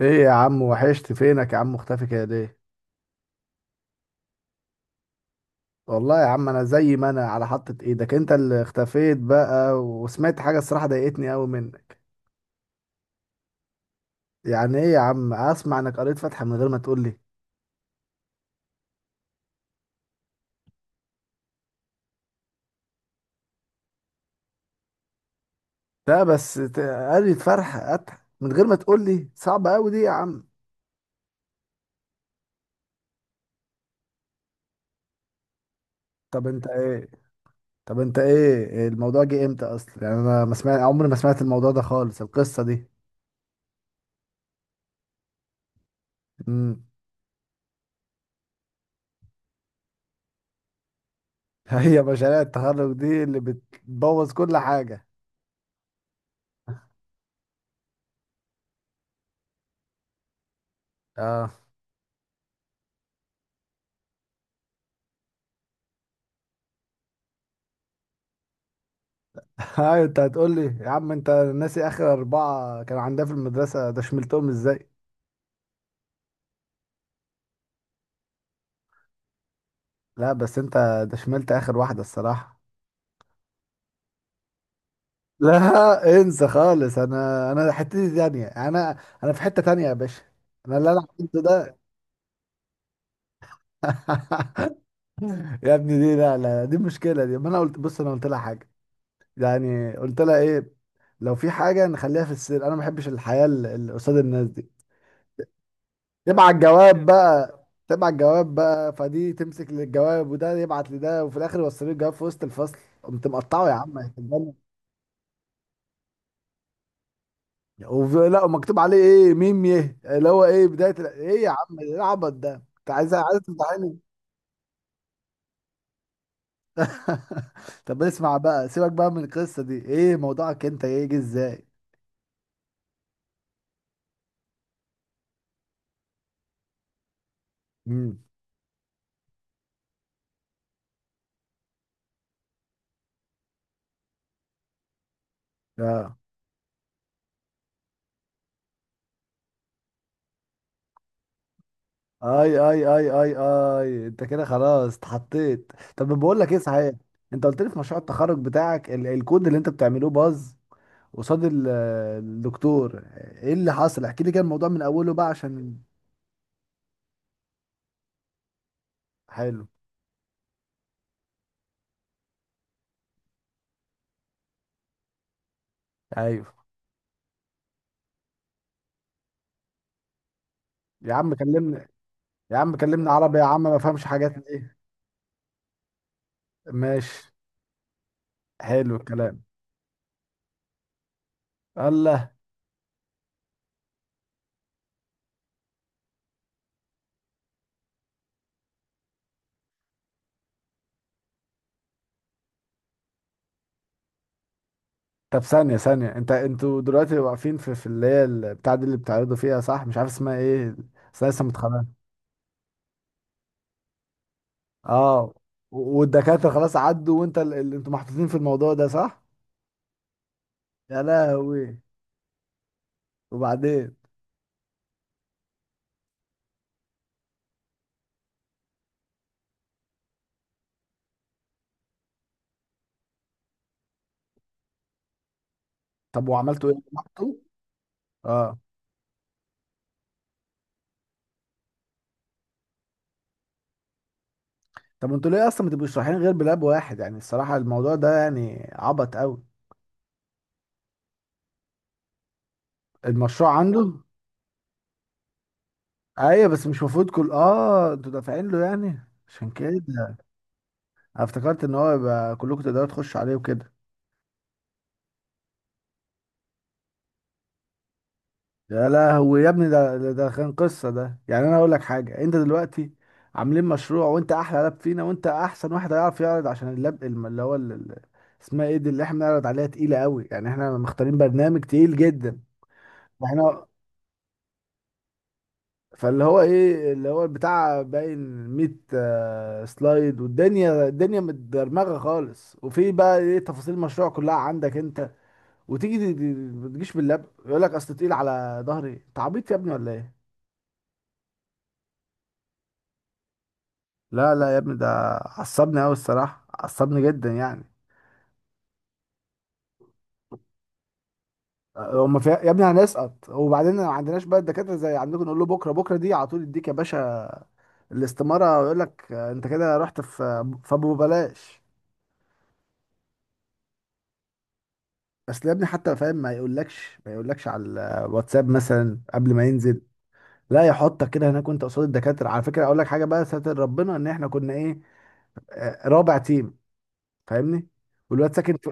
ايه يا عم؟ وحشت فينك يا عم، مختفي كده ليه؟ والله يا عم، انا زي ما انا على حطة ايدك، انت اللي اختفيت بقى. وسمعت حاجة الصراحة ضايقتني قوي منك. يعني ايه يا عم؟ اسمع انك قريت فتحة من غير ما تقول لي. لا بس قريت فرحة فتحة من غير ما تقول لي، صعب قوي دي يا عم. طب انت ايه؟ طب انت ايه الموضوع؟ جه امتى اصلا؟ يعني انا ما سمعت، عمري ما سمعت الموضوع ده خالص، القصة دي. امم. هي مشاريع التخرج دي اللي بتبوظ كل حاجة. اه. ايوه، انت هتقول لي يا عم انت ناسي اخر اربعه كان عندها في المدرسه ده، شملتهم ازاي؟ لا بس انت، ده شملت اخر واحده الصراحه. لا انسى خالص، انا حتتي تانية انا. انا في حته تانية يا باشا. انا اللي انا عملته ده. يا ابني دي، لا لا دي مشكله. دي ما انا قلت، بص انا قلت لها حاجه. يعني قلت لها ايه؟ لو في حاجه نخليها في السر، انا ما بحبش الحياه قصاد الناس دي. تبعت جواب بقى. تبعت جواب بقى، فدي تمسك للجواب وده يبعت لده، وفي الاخر يوصلوا لي الجواب في وسط الفصل. قمت مقطعه يا عم، هتتجنن. لا، ومكتوب عليه ايه؟ ميم يه اللي هو ايه بدايه ايه؟ يا عم ايه العبط ده؟ انت عايز تمتحني؟ طب اسمع بقى، سيبك بقى من القصه دي، ايه موضوعك انت؟ ايه؟ جه ازاي؟ امم. اه. اي اي اي اي اي، انت كده خلاص، اتحطيت. طب بقول لك ايه، صحيح. انت قلت لي في مشروع التخرج بتاعك الكود اللي انت بتعملوه باظ. قصاد الدكتور. ايه اللي حصل؟ احكي لي كده الموضوع من اوله بقى، عشان. حلو. ايوه يا عم، كلمني. يا عم كلمني عربي، يا عم ما فهمش حاجات، ليه؟ ماشي. حلو الكلام. الله. طب ثانية ثانية، انتوا دلوقتي واقفين في اللي هي البتاع دي اللي بتعرضوا فيها، صح؟ مش عارف اسمها ايه. بس أنا لسه متخرج. اه. والدكاترة خلاص عدوا، وانت اللي انتوا محطوطين في الموضوع ده، صح؟ يا لهوي. وبعدين؟ طب وعملتوا ايه؟ محطوا. اه. طب انتوا ليه اصلا ما تبقوش رايحين غير بلاب واحد؟ يعني الصراحه الموضوع ده يعني عبط قوي. المشروع عنده. ايوه، بس مش المفروض كل انتوا دافعين له؟ يعني عشان كده انا افتكرت ان هو يبقى كلكم تقدروا تخشوا عليه وكده. يا لهوي يا ابني، ده كان قصه. ده يعني انا اقول لك حاجه، انت دلوقتي عاملين مشروع، وانت احلى لاب فينا، وانت احسن واحد هيعرف يعرض، عشان اللاب اللي هو اسمها ايه دي اللي احنا بنعرض عليها، تقيله قوي. يعني احنا مختارين برنامج تقيل جدا. احنا، فاللي هو ايه، اللي هو بتاع باين، 100 سلايد، والدنيا الدنيا متدرمغه خالص، وفي بقى ايه؟ تفاصيل المشروع كلها عندك انت، وتيجي ما تجيش باللاب؟ يقول لك اصل تقيل على ظهري. انت عبيط يا ابني ولا ايه؟ لا لا يا ابني، ده. عصبني قوي الصراحه، عصبني جدا يعني. هما في يا ابني هنسقط، وبعدين ما عندناش بقى الدكاتره زي عندكم نقول له بكره، بكره دي على طول يديك يا باشا الاستماره، ويقول لك انت كده رحت في فابو بلاش. اصل يا ابني حتى فاهم ما يقولكش على الواتساب مثلا قبل ما ينزل. لا، يحطك كده هناك وانت قصاد الدكاتره. على فكره اقول لك حاجه بقى، ساتر ربنا ان احنا كنا ايه، رابع تيم. فاهمني. والواد ساكن في.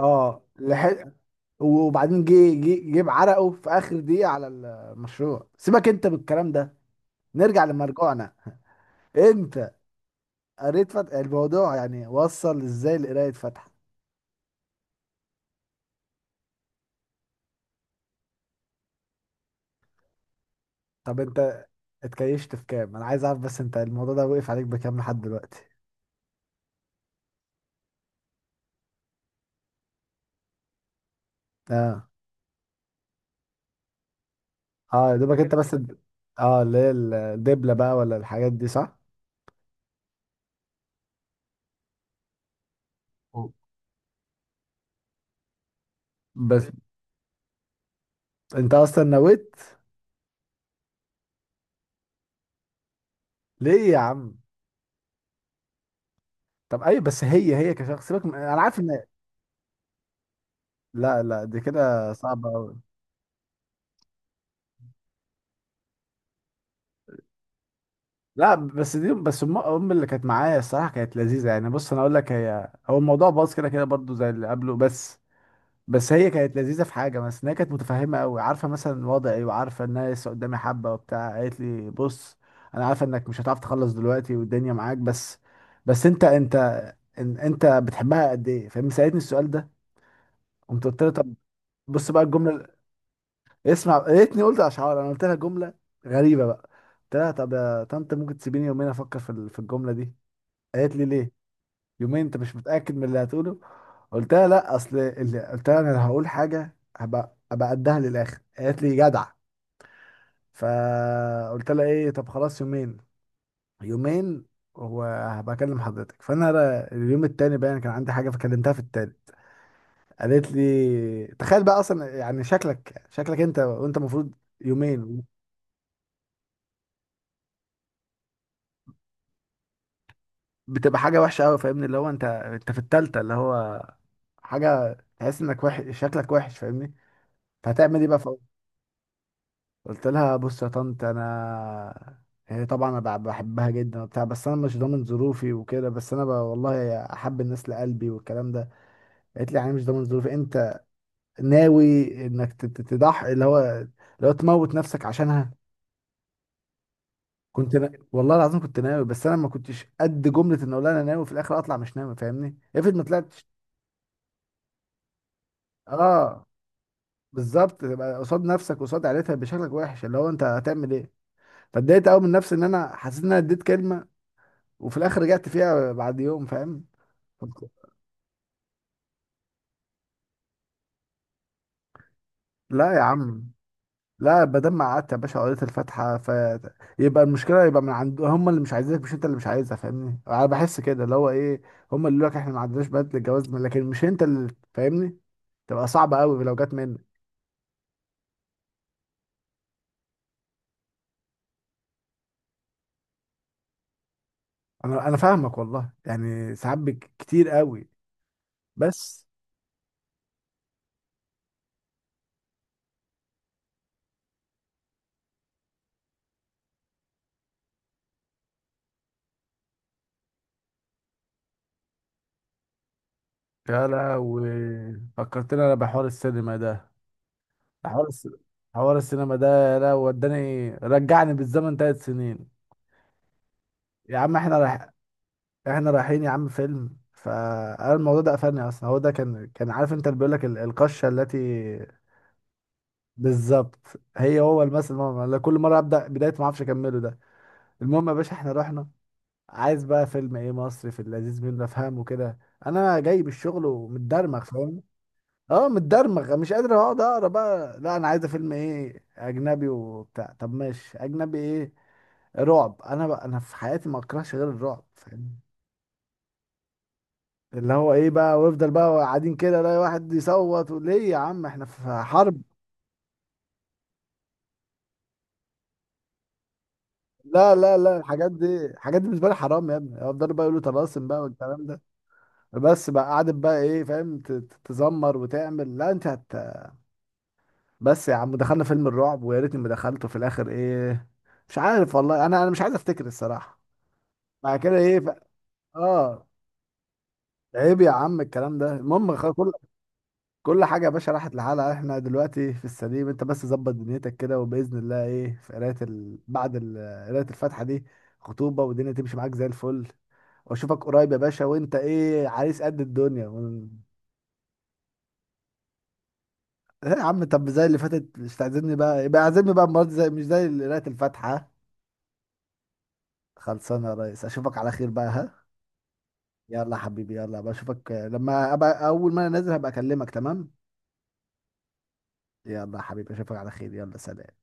اه لحق. وبعدين جه بعرقه في اخر دقيقه على المشروع. سيبك انت من الكلام ده، نرجع لمرجوعنا. انت قريت فتح؟ الموضوع يعني وصل ازاي لقرايه فتح؟ طب انت اتكيشت في كام؟ انا عايز اعرف بس، انت الموضوع ده وقف عليك بكام لحد دلوقتي؟ اه. اه يا دوبك حاجات، انت بس اه اللي هي الدبلة بقى، ولا الحاجات دي، صح؟ أوه. بس. انت اصلا نويت. ليه يا عم؟ طب ايوه، بس هي كشخص سيبك من... انا عارف ان. لا لا، دي كده صعبة قوي. لا بس دي، بس أم اللي كانت معايا الصراحة كانت لذيذة. يعني بص انا اقول لك، هو الموضوع باظ كده كده برضو زي اللي قبله، بس بس هي كانت لذيذه في حاجه، بس ان هي كانت متفهمه قوي، عارفه مثلا وضعي وعارفه ان انا لسه قدامي حبه وبتاع. قالت لي بص، انا عارفه انك مش هتعرف تخلص دلوقتي والدنيا معاك، بس بس انت، انت بتحبها قد ايه، فاهم؟ سالتني السؤال ده. قمت قلت لها طب، بص بقى الجمله. اسمع، يا ريتني قلت اشعار. انا قلت لها جمله غريبه بقى. قلت لها طب يا طنط، ممكن تسيبيني يومين افكر في في الجمله دي؟ قالت لي ليه؟ يومين؟ انت مش متاكد من اللي هتقوله؟ قلت لها لا، اصل اللي قلت لها انا، لو هقول حاجه ابقى قدها للاخر. قالت لي جدع. فقلت لها ايه، طب خلاص يومين. يومين، وهبقى اكلم حضرتك. فانا اليوم التاني باين كان عندي حاجه، فكلمتها في التالت. قالت لي تخيل بقى اصلا، يعني شكلك شكلك انت، وانت المفروض يومين. بتبقى حاجه وحشه قوي، فاهمني؟ اللي هو انت في التالتة، اللي هو حاجه تحس انك وحش، شكلك وحش، فاهمني. فهتعمل ايه بقى؟ قلت لها بص يا طنط انا، هي طبعا انا بحبها جدا وبتاع، بس انا مش ضامن ظروفي وكده، بس انا ب... والله احب الناس لقلبي والكلام ده. قالت لي يعني مش ضامن ظروفي، انت ناوي انك تضحي اللي هو لو تموت نفسك عشانها؟ كنت نا... والله العظيم كنت ناوي، بس انا ما كنتش قد جمله ان اقول انا ناوي، في الاخر اطلع مش ناوي فاهمني؟ افرض ما طلعتش. اه بالظبط، تبقى قصاد نفسك قصاد عيلتها بشكلك وحش، اللي هو انت هتعمل ايه؟ فاتضايقت قوي من نفسي، ان انا حسيت ان انا اديت كلمه وفي الاخر رجعت فيها بعد يوم، فاهم. قلت لا يا عم. لا، بدل ما قعدت يا باشا قريت الفاتحه، ف يبقى المشكله يبقى من عند هم، اللي مش عايزينك، مش انت اللي مش عايزها، فاهمني؟ انا بحس كده اللي هو ايه، هم اللي يقول لك احنا ما عندناش بنات للجواز لكن مش انت اللي، فاهمني؟ تبقى صعبه قوي لو جت منك. انا فاهمك والله، يعني ساعات كتير قوي. بس. يا لهوي، فكرتني انا بحوار السينما ده. حوار الس... حوار السينما ده، لا وداني رجعني بالزمن 3 سنين. يا عم احنا رايح، احنا رايحين يا عم فيلم، فانا الموضوع ده قفلني اصلا. هو ده كان عارف انت اللي بيقول لك القشه التي. بالظبط. هو المثل، ماما لا كل مره ابدا بدايه ما اعرفش اكمله ده. المهم يا باشا احنا رحنا. عايز بقى فيلم ايه؟ مصري في اللذيذ منه افهمه كده. انا جاي بالشغل ومتدرمغ، فاهم. اه متدرمغ مش قادر اقعد اقرا بقى، لا انا عايز فيلم ايه؟ اجنبي وبتاع. طب ماشي اجنبي ايه؟ رعب؟ انا بقى انا في حياتي ما اكرهش غير الرعب، فاهم. اللي هو ايه بقى، ويفضل بقى قاعدين كده، لا واحد يصوت، ليه يا عم احنا في حرب. لا لا لا، الحاجات دي بالنسبه لي حرام يا ابني. افضلوا بقى يقولوا طلاسم بقى والكلام ده. بس بقى قعدت بقى ايه فاهم، تزمر وتعمل لا انت هت. بس يا عم دخلنا فيلم الرعب، ويا ريتني ما دخلته، في الاخر ايه، مش عارف والله، انا مش عايز افتكر الصراحه. بعد كده ايه ف... اه. عيب يا عم الكلام ده. المهم كل كل حاجة يا باشا راحت لحالها. احنا دلوقتي في السليم، انت بس ظبط دنيتك كده، وبإذن الله ايه في قراية ال... بعد قراية الفاتحة دي خطوبة، والدنيا تمشي معاك زي الفل، واشوفك قريب يا باشا، وانت ايه عريس قد الدنيا ون... ايه يا عم؟ طب زي اللي فاتت مش تعزمني بقى، يبقى اعزمني بقى المرة دي، زي مش زي اللي قراية الفاتحة. خلصانة يا ريس، اشوفك على خير بقى، ها. يلا يا حبيبي، يلا بشوفك لما ابقى، اول ما انا نازل هبقى اكلمك، تمام. يلا يا حبيبي، اشوفك على خير، يلا سلام.